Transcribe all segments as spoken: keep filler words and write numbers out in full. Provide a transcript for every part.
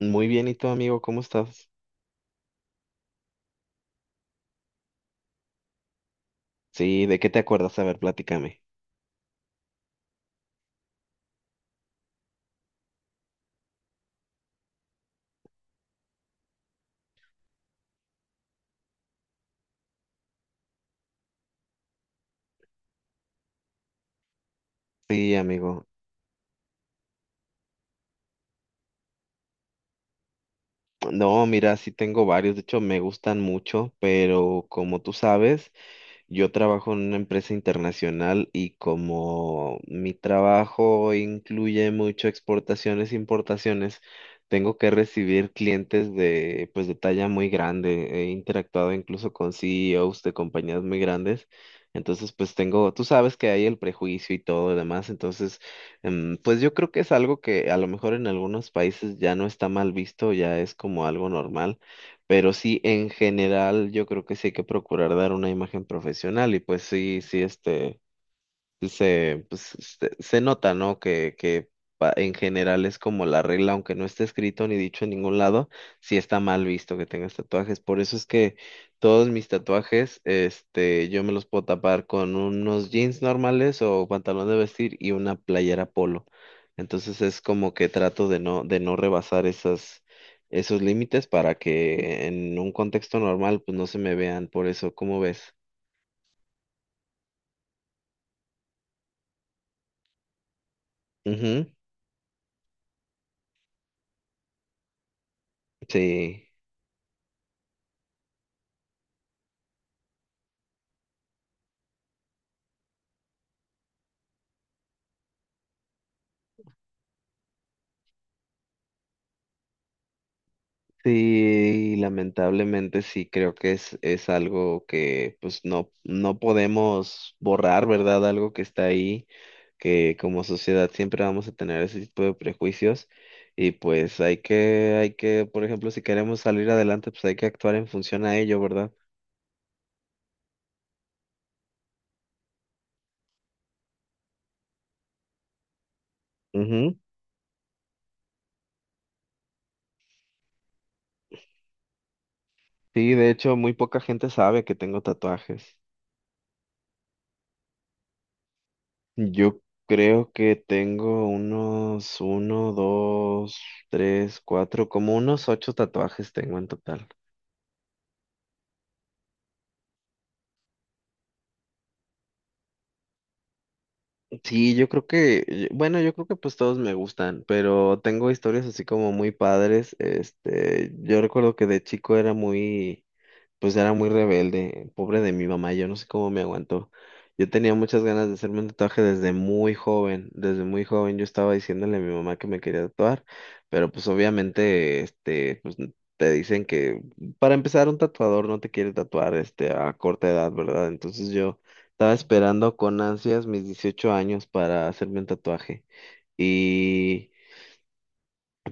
Muy bien, ¿y tú, amigo? ¿Cómo estás? Sí, ¿de qué te acuerdas? A ver, platícame. Sí, amigo. No, mira, sí tengo varios, de hecho me gustan mucho, pero como tú sabes, yo trabajo en una empresa internacional y como mi trabajo incluye mucho exportaciones e importaciones, tengo que recibir clientes de, pues, de talla muy grande. He interactuado incluso con C E Os de compañías muy grandes. Entonces, pues tengo, tú sabes que hay el prejuicio y todo lo demás. Entonces, em, pues yo creo que es algo que a lo mejor en algunos países ya no está mal visto, ya es como algo normal, pero sí, en general, yo creo que sí hay que procurar dar una imagen profesional y pues sí, sí, este se, pues, se, se nota, ¿no? Que, que pa- en general es como la regla, aunque no esté escrito ni dicho en ningún lado, sí está mal visto que tengas tatuajes. Por eso es que todos mis tatuajes, este, yo me los puedo tapar con unos jeans normales o pantalón de vestir y una playera polo. Entonces es como que trato de no, de no rebasar esas, esos límites para que en un contexto normal, pues no se me vean. Por eso, ¿cómo ves? Ujú. Sí. Sí, lamentablemente sí, creo que es, es algo que pues no, no podemos borrar, ¿verdad? Algo que está ahí, que como sociedad siempre vamos a tener ese tipo de prejuicios y pues hay que, hay que, por ejemplo, si queremos salir adelante, pues hay que actuar en función a ello, ¿verdad? Ujú. Sí, de hecho, muy poca gente sabe que tengo tatuajes. Yo creo que tengo unos uno, dos, tres, cuatro, como unos ocho tatuajes tengo en total. Sí, yo creo que, bueno, yo creo que pues todos me gustan, pero tengo historias así como muy padres. Este, yo recuerdo que de chico era muy pues era muy rebelde, pobre de mi mamá, yo no sé cómo me aguantó. Yo tenía muchas ganas de hacerme un tatuaje desde muy joven, desde muy joven yo estaba diciéndole a mi mamá que me quería tatuar, pero pues obviamente, este, pues n- te dicen que para empezar un tatuador no te quiere tatuar, este, a corta edad, ¿verdad? Entonces yo estaba esperando con ansias mis dieciocho años para hacerme un tatuaje.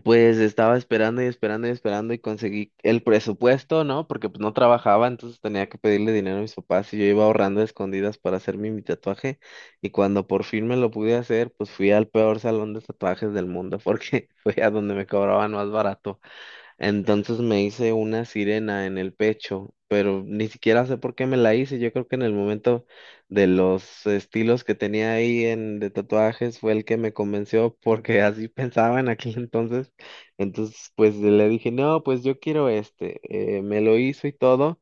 Pues estaba esperando y esperando y esperando y conseguí el presupuesto, ¿no? Porque pues no trabajaba, entonces tenía que pedirle dinero a mis papás y yo iba ahorrando a escondidas para hacerme mi tatuaje. Y cuando por fin me lo pude hacer, pues fui al peor salón de tatuajes del mundo porque fue a donde me cobraban más barato. Entonces me hice una sirena en el pecho, pero ni siquiera sé por qué me la hice. Yo creo que en el momento de los estilos que tenía ahí en, de tatuajes fue el que me convenció porque así pensaba en aquel entonces. Entonces pues le dije, no, pues yo quiero este. Eh, me lo hizo y todo.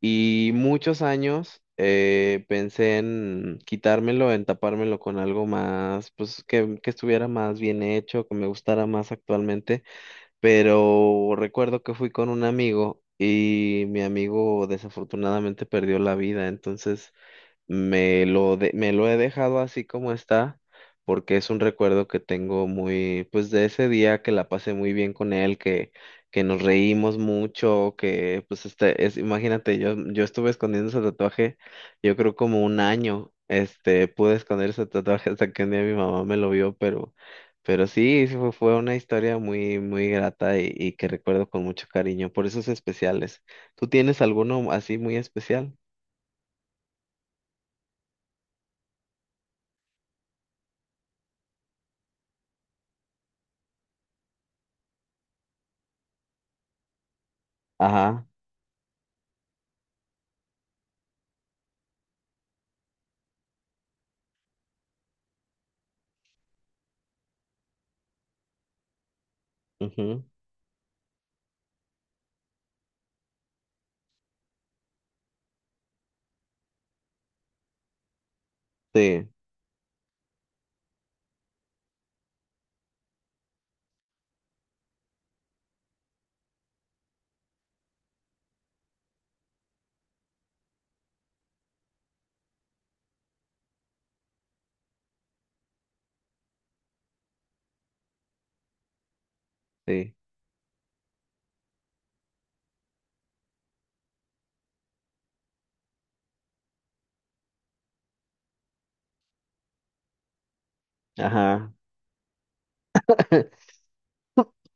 Y muchos años eh, pensé en quitármelo, en tapármelo con algo más, pues que, que estuviera más bien hecho, que me gustara más actualmente, pero recuerdo que fui con un amigo y mi amigo desafortunadamente perdió la vida, entonces me lo, de- me lo he dejado así como está, porque es un recuerdo que tengo muy, pues de ese día que la pasé muy bien con él, que, que nos reímos mucho, que pues este, es, imagínate, yo, yo estuve escondiendo ese tatuaje, yo creo como un año, este, pude esconder ese tatuaje hasta que un día mi mamá me lo vio, pero, pero sí, sí fue, fue una historia muy, muy grata y, y que recuerdo con mucho cariño, por esos especiales. ¿Tú tienes alguno así muy especial? Ajá. Sí, sí, ajá.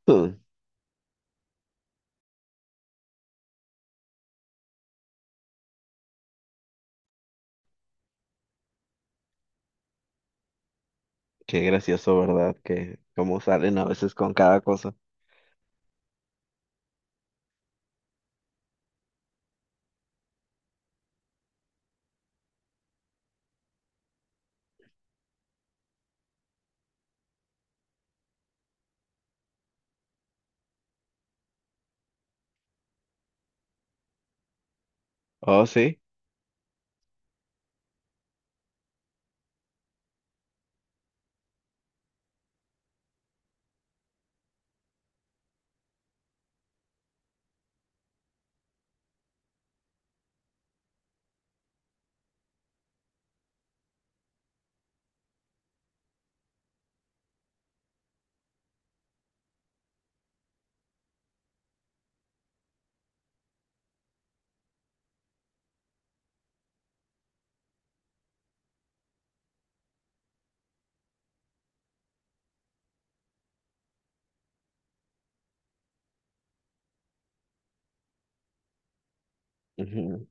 Mm. Qué gracioso, ¿verdad? Que cómo salen a veces con cada cosa. Oh, sí. Ujú.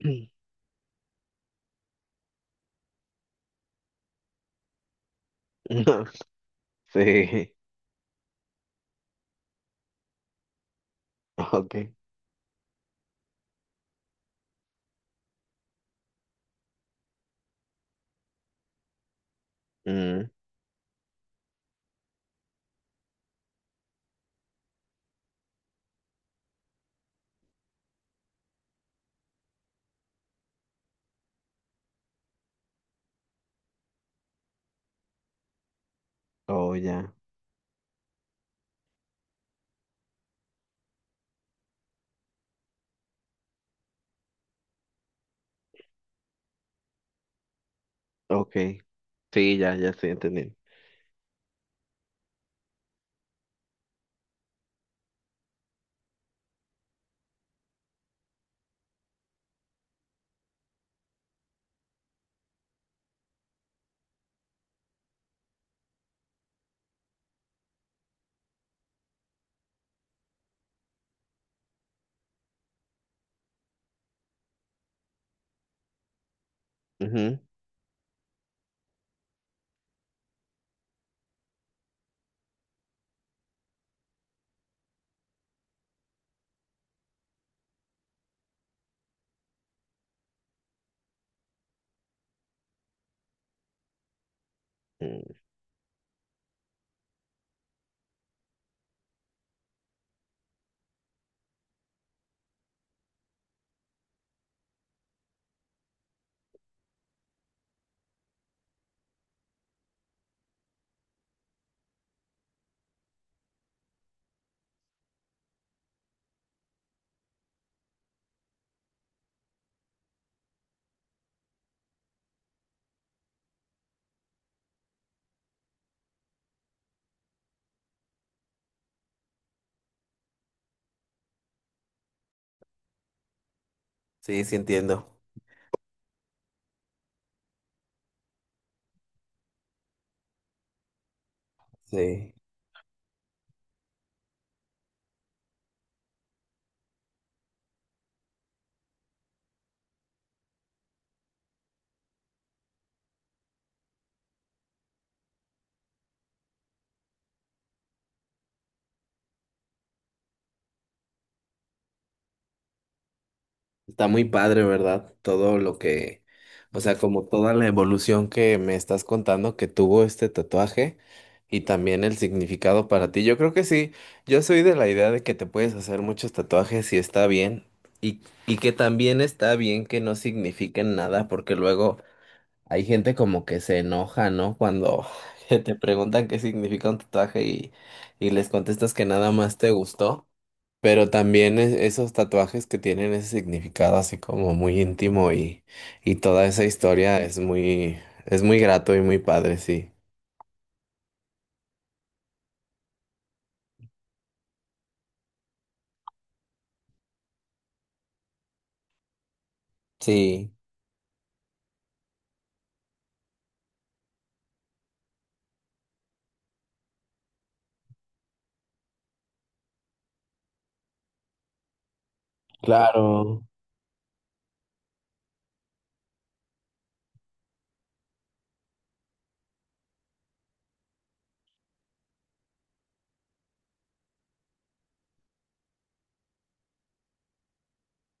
Sí, ok. Mm. Oh, ya, ok. Sí, ya, ya estoy entendiendo. Ujú. Mm. Sí, sí entiendo. Sí. Está muy padre, ¿verdad? Todo lo que, o sea, como toda la evolución que me estás contando que tuvo este tatuaje y también el significado para ti. Yo creo que sí, yo soy de la idea de que te puedes hacer muchos tatuajes y está bien y, y que también está bien que no signifiquen nada porque luego hay gente como que se enoja, ¿no? Cuando te preguntan qué significa un tatuaje y, y les contestas que nada más te gustó. Pero también es- esos tatuajes que tienen ese significado así como muy íntimo y, y toda esa historia es muy, es muy grato y muy padre, sí. Sí, claro.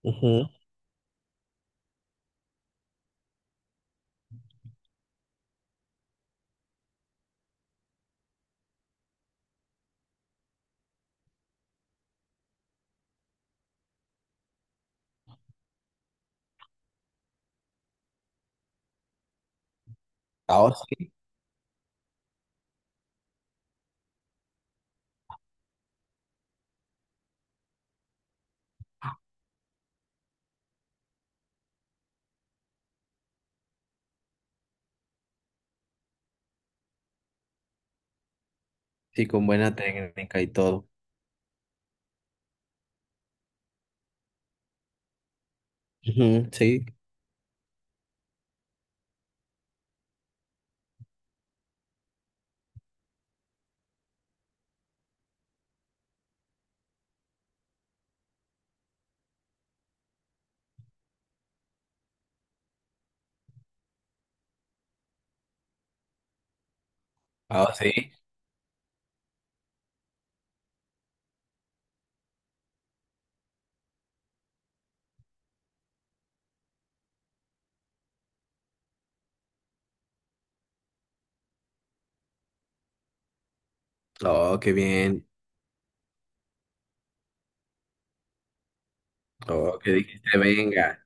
Ujú. Ahora sí, sí, con buena técnica y todo. Ujú, sí. Ah, sí. Oh, qué bien. Oh, que dijiste, venga.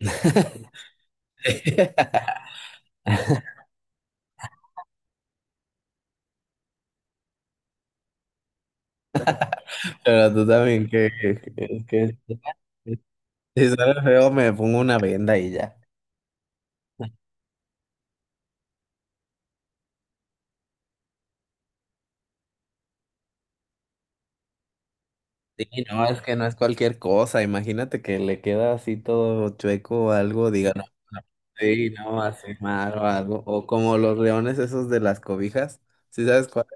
Pero tú también que, que- que- si sale feo me pongo una venda y ya. Sí, no, es que no es cualquier cosa. Imagínate que le queda así todo chueco o algo, diga, no, no, sí, no, así mal o algo. O como los leones esos de las cobijas, ¿sí sabes cuál?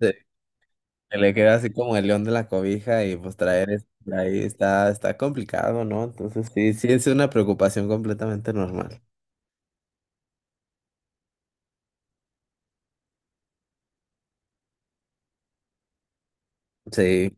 Sí. Que le queda así como el león de la cobija y pues traer eso ahí está, está complicado, ¿no? Entonces sí, sí es una preocupación completamente normal. Sí,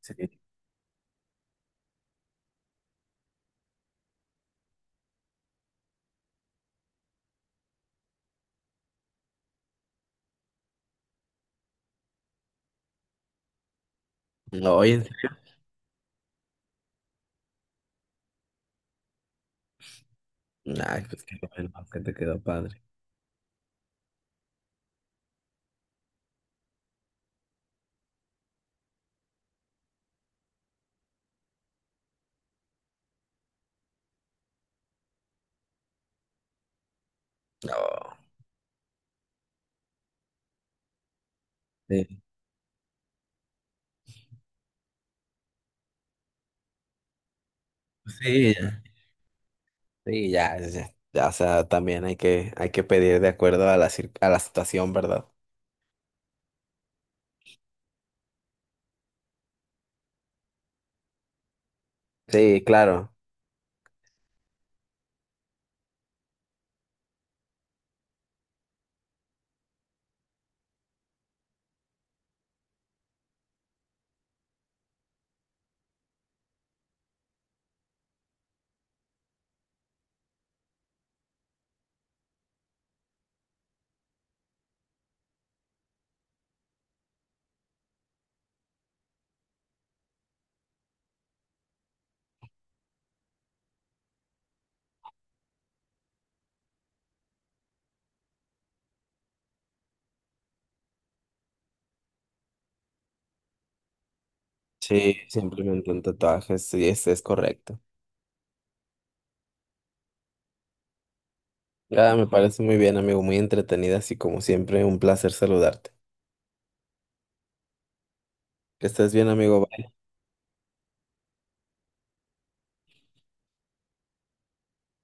sí. No, oye, en serio. Ay, pues qué bueno que te quedó padre. No, sí, pues sí. Sí, ya, ya, ya, o sea, también hay que, hay que pedir de acuerdo a la, cir- a la situación, ¿verdad? Sí, claro. Sí, simplemente un tatuaje, sí, es, es correcto. Ya, me parece muy bien, amigo, muy entretenida, así como siempre, un placer saludarte. Que estés bien, amigo.